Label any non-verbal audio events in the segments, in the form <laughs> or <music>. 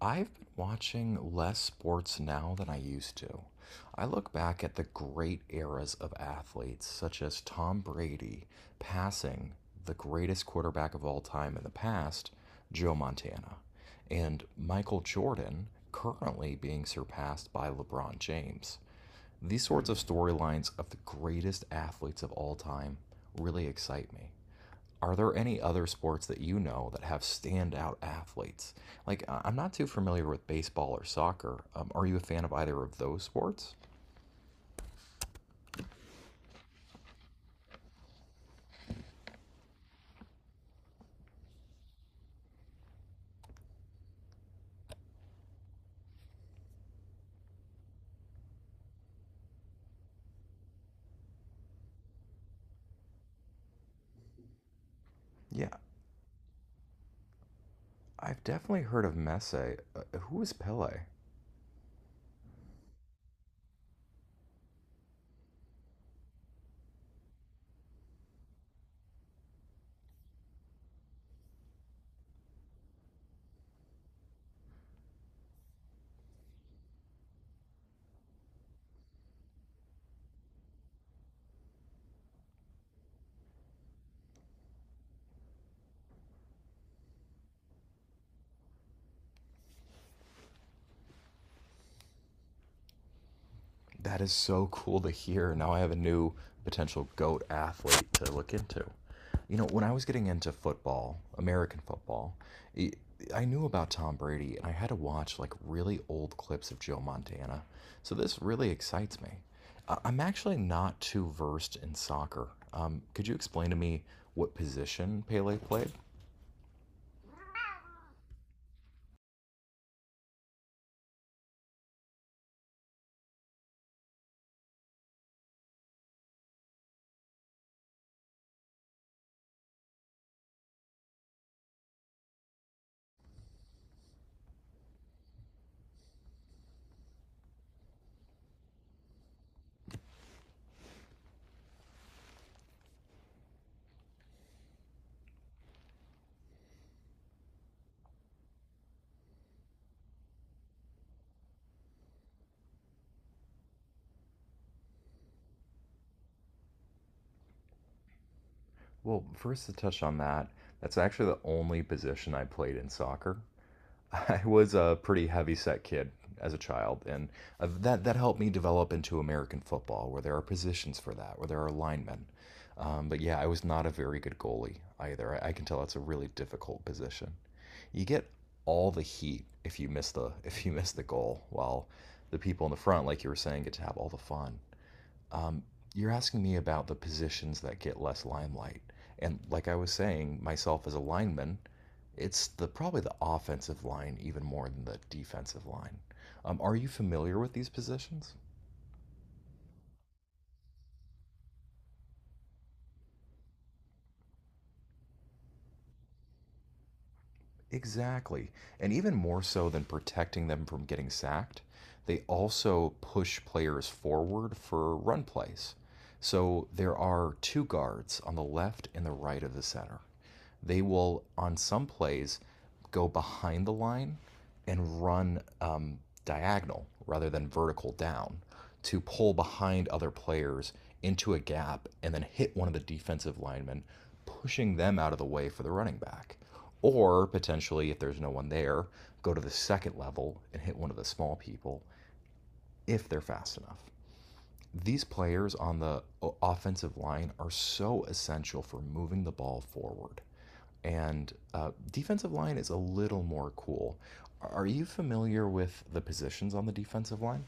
I've been watching less sports now than I used to. I look back at the great eras of athletes, such as Tom Brady passing the greatest quarterback of all time in the past, Joe Montana, and Michael Jordan currently being surpassed by LeBron James. These sorts of storylines of the greatest athletes of all time really excite me. Are there any other sports that you know that have standout athletes? Like, I'm not too familiar with baseball or soccer. Are you a fan of either of those sports? Yeah, I've definitely heard of Messi. Who is Pele? That is so cool to hear. Now I have a new potential GOAT athlete to look into. You know, when I was getting into football, American football, i I knew about Tom Brady and I had to watch like really old clips of Joe Montana. So this really excites me. I'm actually not too versed in soccer. Could you explain to me what position Pele played? Well, first to touch on that, that's actually the only position I played in soccer. I was a pretty heavy set kid as a child, and that helped me develop into American football, where there are positions for that, where there are linemen. But yeah, I was not a very good goalie either. I can tell it's a really difficult position. You get all the heat if you miss the <laughs> if you miss the goal, while the people in the front, like you were saying, get to have all the fun. Um, you're asking me about the positions that get less limelight. And like I was saying, myself as a lineman, it's the probably the offensive line even more than the defensive line. Are you familiar with these positions? Exactly. And even more so than protecting them from getting sacked, they also push players forward for run plays. So there are two guards on the left and the right of the center. They will on some plays go behind the line and run diagonal rather than vertical down to pull behind other players into a gap and then hit one of the defensive linemen, pushing them out of the way for the running back. Or potentially, if there's no one there, go to the second level and hit one of the small people if they're fast enough. These players on the offensive line are so essential for moving the ball forward. And defensive line is a little more cool. Are you familiar with the positions on the defensive line?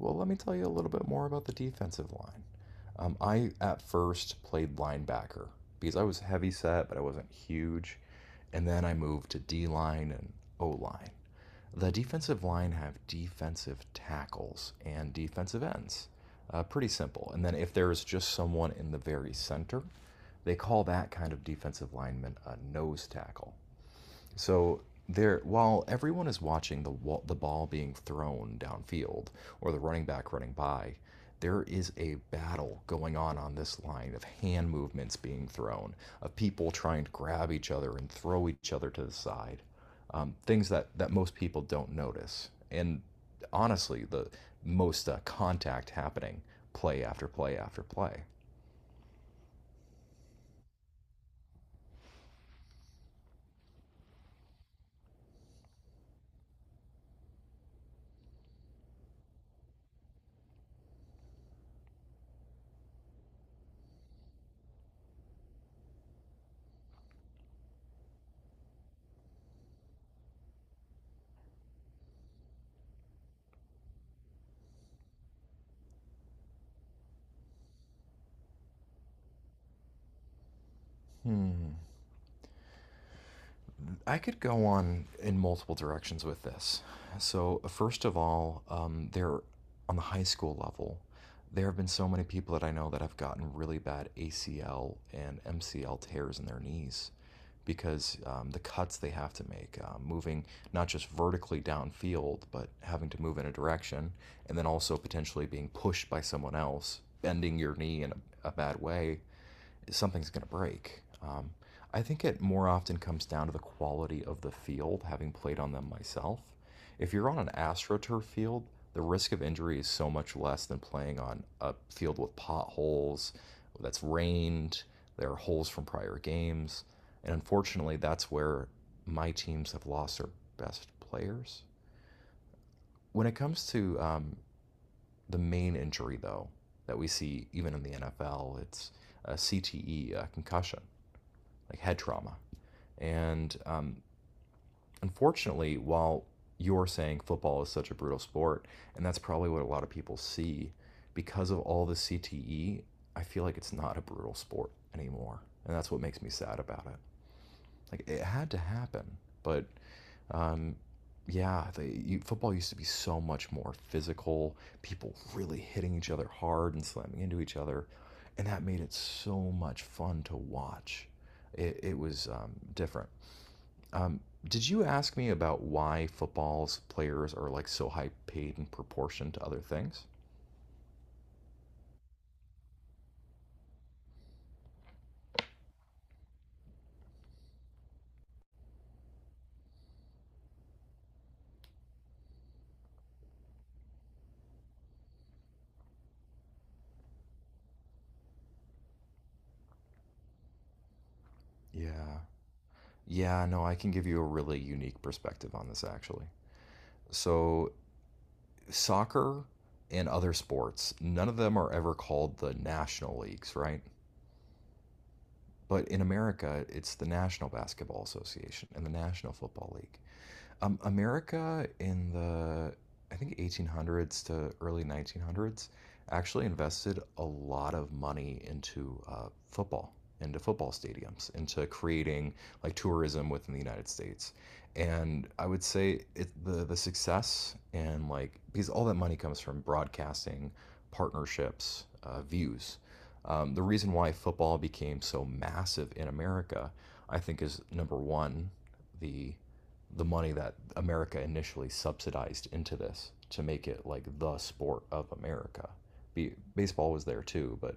Well, let me tell you a little bit more about the defensive line. I at first played linebacker because I was heavy set, but I wasn't huge. And then I moved to D line and O line. The defensive line have defensive tackles and defensive ends. Pretty simple. And then if there is just someone in the very center, they call that kind of defensive lineman a nose tackle. So there, while everyone is watching the wall, the ball being thrown downfield or the running back running by, there is a battle going on this line of hand movements being thrown, of people trying to grab each other and throw each other to the side, things that most people don't notice. And honestly, the most contact happening play after play after play. I could go on in multiple directions with this. So, first of all, there on the high school level, there have been so many people that I know that have gotten really bad ACL and MCL tears in their knees because the cuts they have to make, moving not just vertically downfield, but having to move in a direction, and then also potentially being pushed by someone else, bending your knee in a bad way, something's going to break. I think it more often comes down to the quality of the field, having played on them myself. If you're on an AstroTurf field, the risk of injury is so much less than playing on a field with potholes that's rained, there are holes from prior games. And unfortunately, that's where my teams have lost their best players. When it comes to the main injury, though, that we see even in the NFL, it's a CTE, a concussion like head trauma. And unfortunately, while you're saying football is such a brutal sport, and that's probably what a lot of people see, because of all the CTE, I feel like it's not a brutal sport anymore. And that's what makes me sad about it. Like, it had to happen, but um, yeah, football used to be so much more physical. People really hitting each other hard and slamming into each other, and that made it so much fun to watch. It was different. Um, did you ask me about why football's players are like so high paid in proportion to other things? Yeah. Yeah, no, I can give you a really unique perspective on this actually. So, soccer and other sports, none of them are ever called the national leagues, right? But in America, it's the National Basketball Association and the National Football League. America in the, I think, 1800s to early 1900s actually invested a lot of money into football, into football stadiums, into creating like tourism within the United States. And I would say it, the success and like because all that money comes from broadcasting partnerships, views. The reason why football became so massive in America, I think, is number one, the the money that America initially subsidized into this to make it like the sport of America. Baseball was there too, but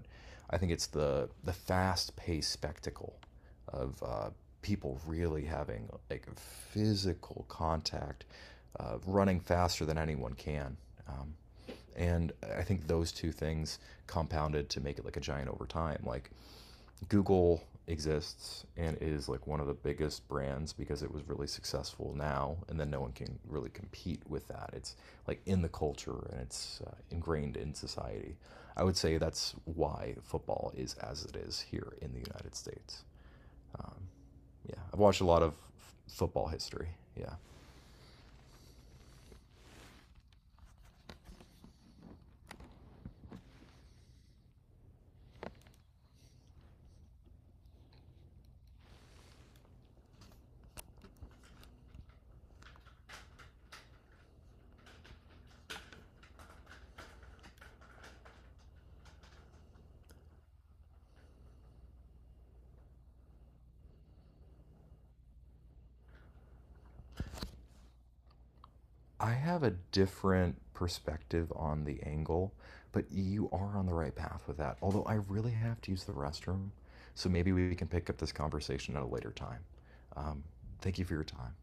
I think it's the fast paced spectacle of people really having like physical contact, running faster than anyone can. Um, and I think those two things compounded to make it like a giant over time. Like Google exists and is like one of the biggest brands because it was really successful now, and then no one can really compete with that. It's like in the culture and it's ingrained in society. I would say that's why football is as it is here in the United States. Yeah, I've watched a lot of football history. Yeah. I have a different perspective on the angle, but you are on the right path with that. Although I really have to use the restroom, so maybe we can pick up this conversation at a later time. Um, Thank you for your time.